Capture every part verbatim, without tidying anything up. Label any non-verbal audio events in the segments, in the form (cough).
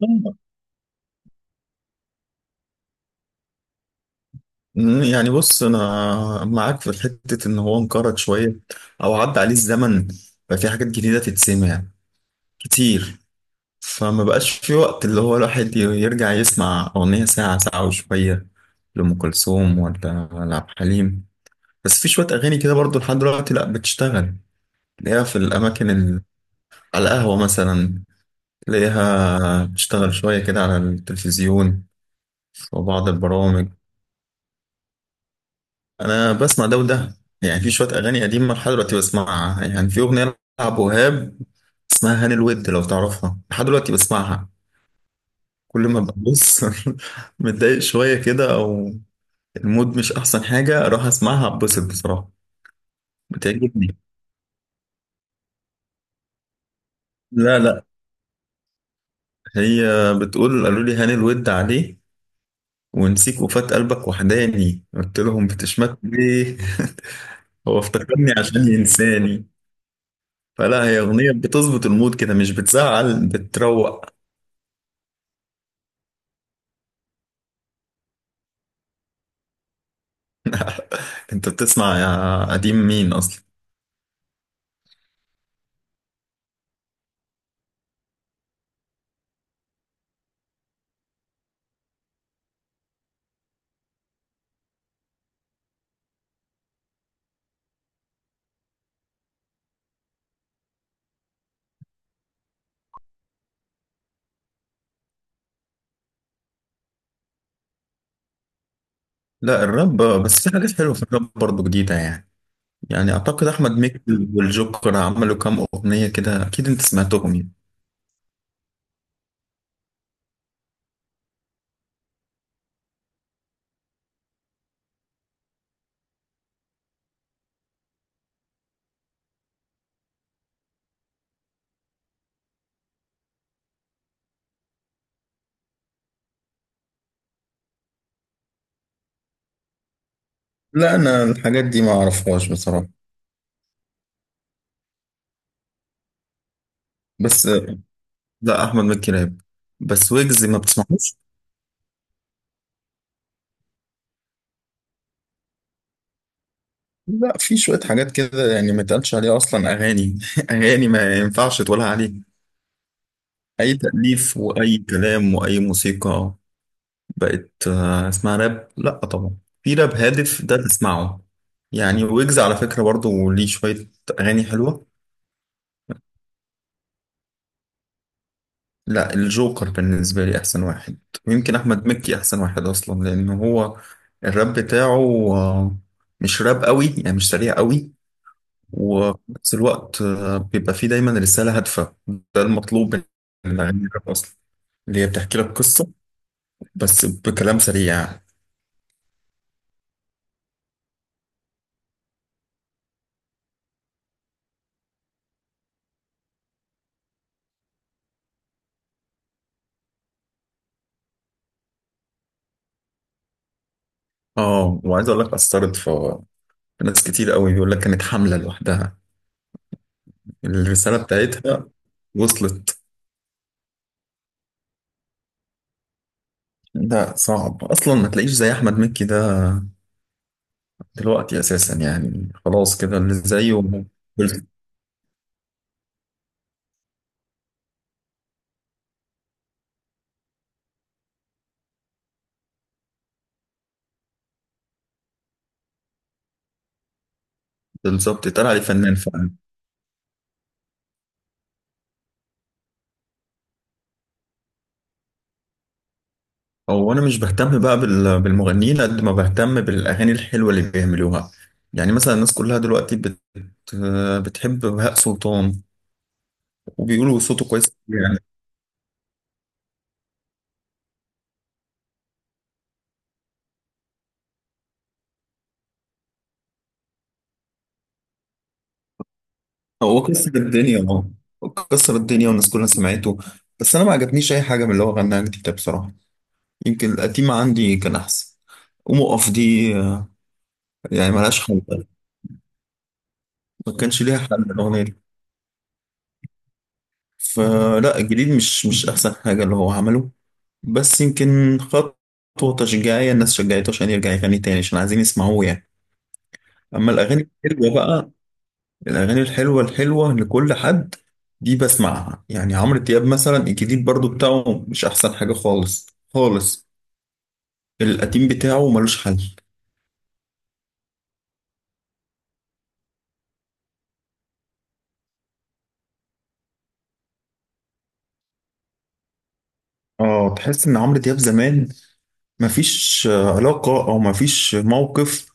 مم، يعني بص انا معاك في حته ان هو انقرض شويه او عدى عليه الزمن. ففي حاجات جديده تتسمع كتير، فما بقاش في وقت اللي هو الواحد ي- يرجع يسمع اغنيه ساعه ساعه وشويه لام كلثوم ولا ولا عبد الحليم. بس في شويه اغاني كده برضو لحد دلوقتي لا بتشتغل، تلاقيها في الاماكن ال... على القهوه مثلا، تلاقيها بتشتغل شويه كده على التلفزيون وبعض البرامج. انا بسمع ده وده، يعني في شويه اغاني قديمه لحد دلوقتي بسمعها، يعني في اغنيه لعب وهاب اسمها هاني الود لو تعرفها لحد دلوقتي بسمعها، كل ما ببص (laughs) متضايق شويه كده او المود مش احسن حاجه اروح اسمعها اتبسط بصراحه، بتعجبني. لا لا، هي بتقول قالوا لي هاني الود عليه ونسيك وفات قلبك وحداني قلت لهم بتشمت ليه. (laughs) هو افتكرني عشان ينساني، فلا هي اغنيه بتظبط المود كده مش بتزعل، بتروق. انت بتسمع يا قديم مين اصلا؟ لا الراب آه، بس في حاجات حلوه في الراب برضه جديده يعني، يعني اعتقد احمد مكي والجوكر عملوا كام اغنيه كده اكيد انت سمعتهم يعني. لا انا الحاجات دي ما اعرفهاش بصراحه. بس آه، لا احمد مكي راب، بس ويجز ما بتسمعوش. لا في شويه حاجات كده يعني ما يتقالش عليها اصلا اغاني (laughs) اغاني ما ينفعش تقولها عليه، اي تأليف واي كلام واي موسيقى بقت آه، اسمها راب؟ لا طبعا. في راب هادف ده تسمعه، يعني ويجز على فكرة برضو ليه شوية أغاني حلوة. لا الجوكر بالنسبة لي أحسن واحد، ويمكن أحمد مكي أحسن واحد أصلا لأن هو الراب بتاعه آه، مش راب قوي يعني مش سريع قوي، وفي نفس الوقت آه، بيبقى فيه دايما رسالة هادفة، ده المطلوب من الأغاني الراب أصلا، اللي هي بتحكي لك قصة بس بكلام سريع. اه وعايز اقول لك اثرت في في ناس كتير قوي، بيقول لك كانت حمله لوحدها الرساله بتاعتها وصلت. ده صعب اصلا ما تلاقيش زي احمد مكي ده دلوقتي اساسا، يعني خلاص كده اللي زيه. بال- بالظبط اتقال عليه فنان فعلا. هو انا مش بهتم بقى بال- بالمغنيين قد ما بهتم بالاغاني الحلوه اللي بيعملوها، يعني مثلا الناس كلها دلوقتي آه، بتحب بهاء سلطان وبيقولوا صوته كويس يعني. هو كسر الدنيا اه، كسر الدنيا والناس كلها سمعته، بس انا ما عجبنيش اي حاجه من اللي هو غناها جديده بصراحه، يمكن القديمه عندي كان احسن. ومقف دي آه، يعني ملهاش حل، ما كانش ليها حل الاغنيه دي. فلا الجديد مش مش احسن حاجه اللي هو عمله، بس يمكن خطوه تشجيعيه الناس شجعته عشان يرجع يغني تاني عشان عايزين يسمعوه يعني. اما الاغاني الحلوه بقى، الأغاني الحلوة الحلوة لكل حد دي بسمعها، يعني عمرو دياب مثلا الجديد برضو بتاعه مش أحسن حاجة خالص خالص، القديم بتاعه ملوش حل. اه تحس إن عمرو دياب زمان مفيش آه، علاقة أو مفيش موقف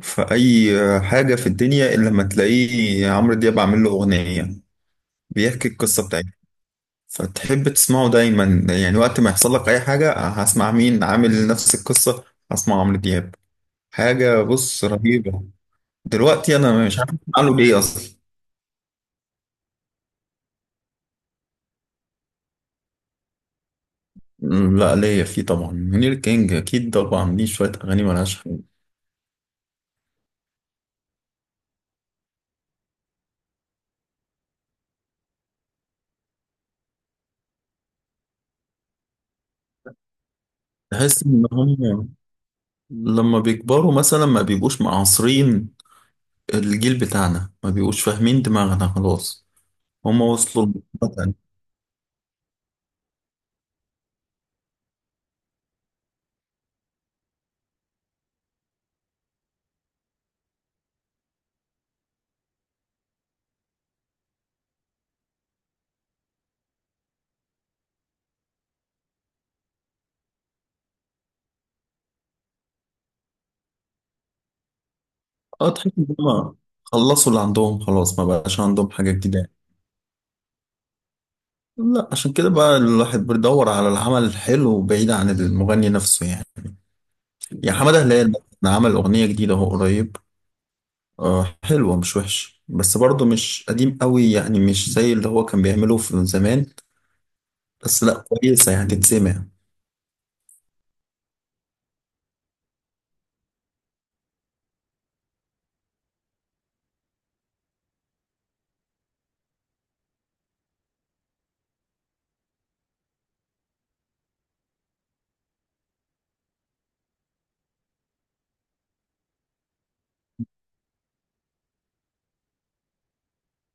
في أي آه، حاجة في الدنيا إلا لما تلاقيه عمرو دياب عامل له أغنية بيحكي القصة بتاعته، فتحب تسمعه دايما، يعني وقت ما يحصل لك أي حاجة هسمع مين عامل نفس القصة، هسمع عمرو دياب. حاجة بص رهيبة. دلوقتي انا مش عارف اعمل ايه اصلا. أمم، لا ليا فيه طبعا، منير كينج اكيد طبعا، ليه شويه اغاني ملهاش حل. تحس ان هم لما بيكبروا مثلا ما بيبقوش معاصرين، الجيل بتاعنا ما بيبقوش فاهمين دماغنا خلاص، هم وصلوا لمرحلة تانية. اه تحس ان هم خلصوا اللي عندهم خلاص، ما بقاش عندهم حاجه جديده. لا عشان كده بقى الواحد بيدور على العمل الحلو بعيد عن المغني نفسه يعني، يا حماده هلال مثلاً عمل اغنيه جديده اهو قريب آه، حلوة مش وحش، بس برضه مش قديم قوي يعني مش زي اللي هو كان بيعمله في زمان، بس لا كويسة يعني تتسمع.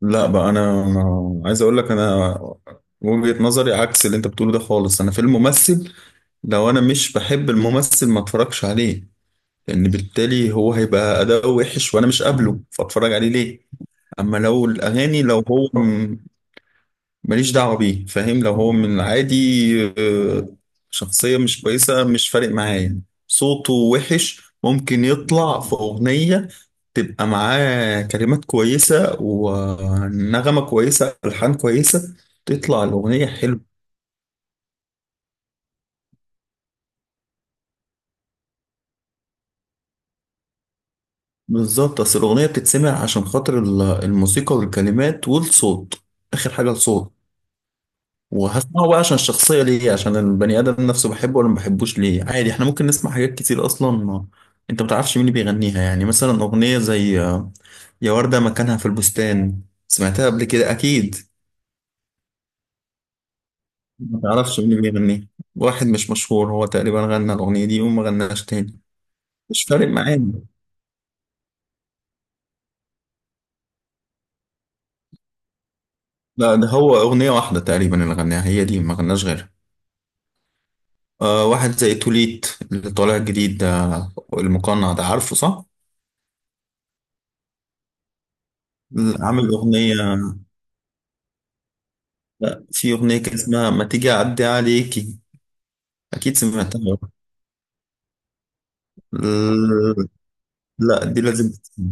لا بقى انا أنا عايز اقول لك انا وجهة نظري عكس اللي انت بتقوله ده خالص. انا في الممثل لو انا مش بحب الممثل ما اتفرجش عليه لان بالتالي هو هيبقى اداؤه وحش وانا مش قابله فاتفرج عليه ليه. اما لو الاغاني لو هو ماليش دعوة بيه فاهم، لو هو من العادي آه، شخصية مش كويسة مش فارق معايا يعني، صوته وحش ممكن يطلع في أغنية تبقى معاه كلمات كويسة ونغمة كويسة ألحان كويسة تطلع الأغنية حلوة. بالظبط، أصل الأغنية بتتسمع عشان خاطر ال- الموسيقى والكلمات والصوت، آخر حاجة الصوت. وهسمعه بقى عشان الشخصية ليه؟ عشان البني آدم نفسه بحبه ولا ما بحبوش ليه؟ عادي احنا ممكن نسمع حاجات كتير أصلا ما انت متعرفش مين اللي بيغنيها، يعني مثلا أغنية زي آه، يا وردة مكانها في البستان، سمعتها قبل كده أكيد. ما تعرفش مين اللي بيغنيها، واحد مش مشهور هو تقريبا غنى الأغنية دي وما غناش تاني. مش فارق معانا. لا ده هو أغنية واحدة تقريبا اللي غناها هي دي، ما غناش غيرها. آه واحد زي توليت اللي طالع جديد ده، المقنع ده، عارفه صح؟ عامل أغنية، لا في أغنية كان اسمها ما تيجي أعدي عليكي، أكيد سمعتها. ال- لا دي لازم تسمع.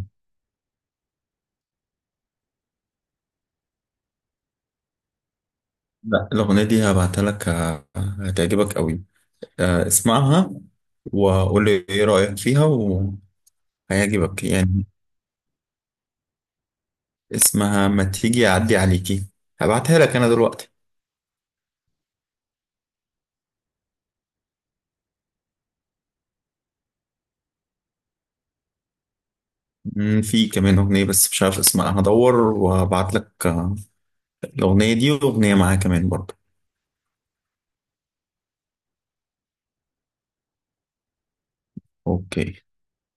لا الأغنية دي هبعتها لك ه- هتعجبك قوي آه، اسمعها وقول لي إيه رأيك فيها، وهيعجبك يعني. اسمها ما تيجي أعدي عليكي، هبعتها لك أنا دلوقتي. مم، في كمان أغنية بس مش عارف اسمها، هدور وهبعت لك آه، الأغنية دي وأغنية معاها كمان برضه. أوكي.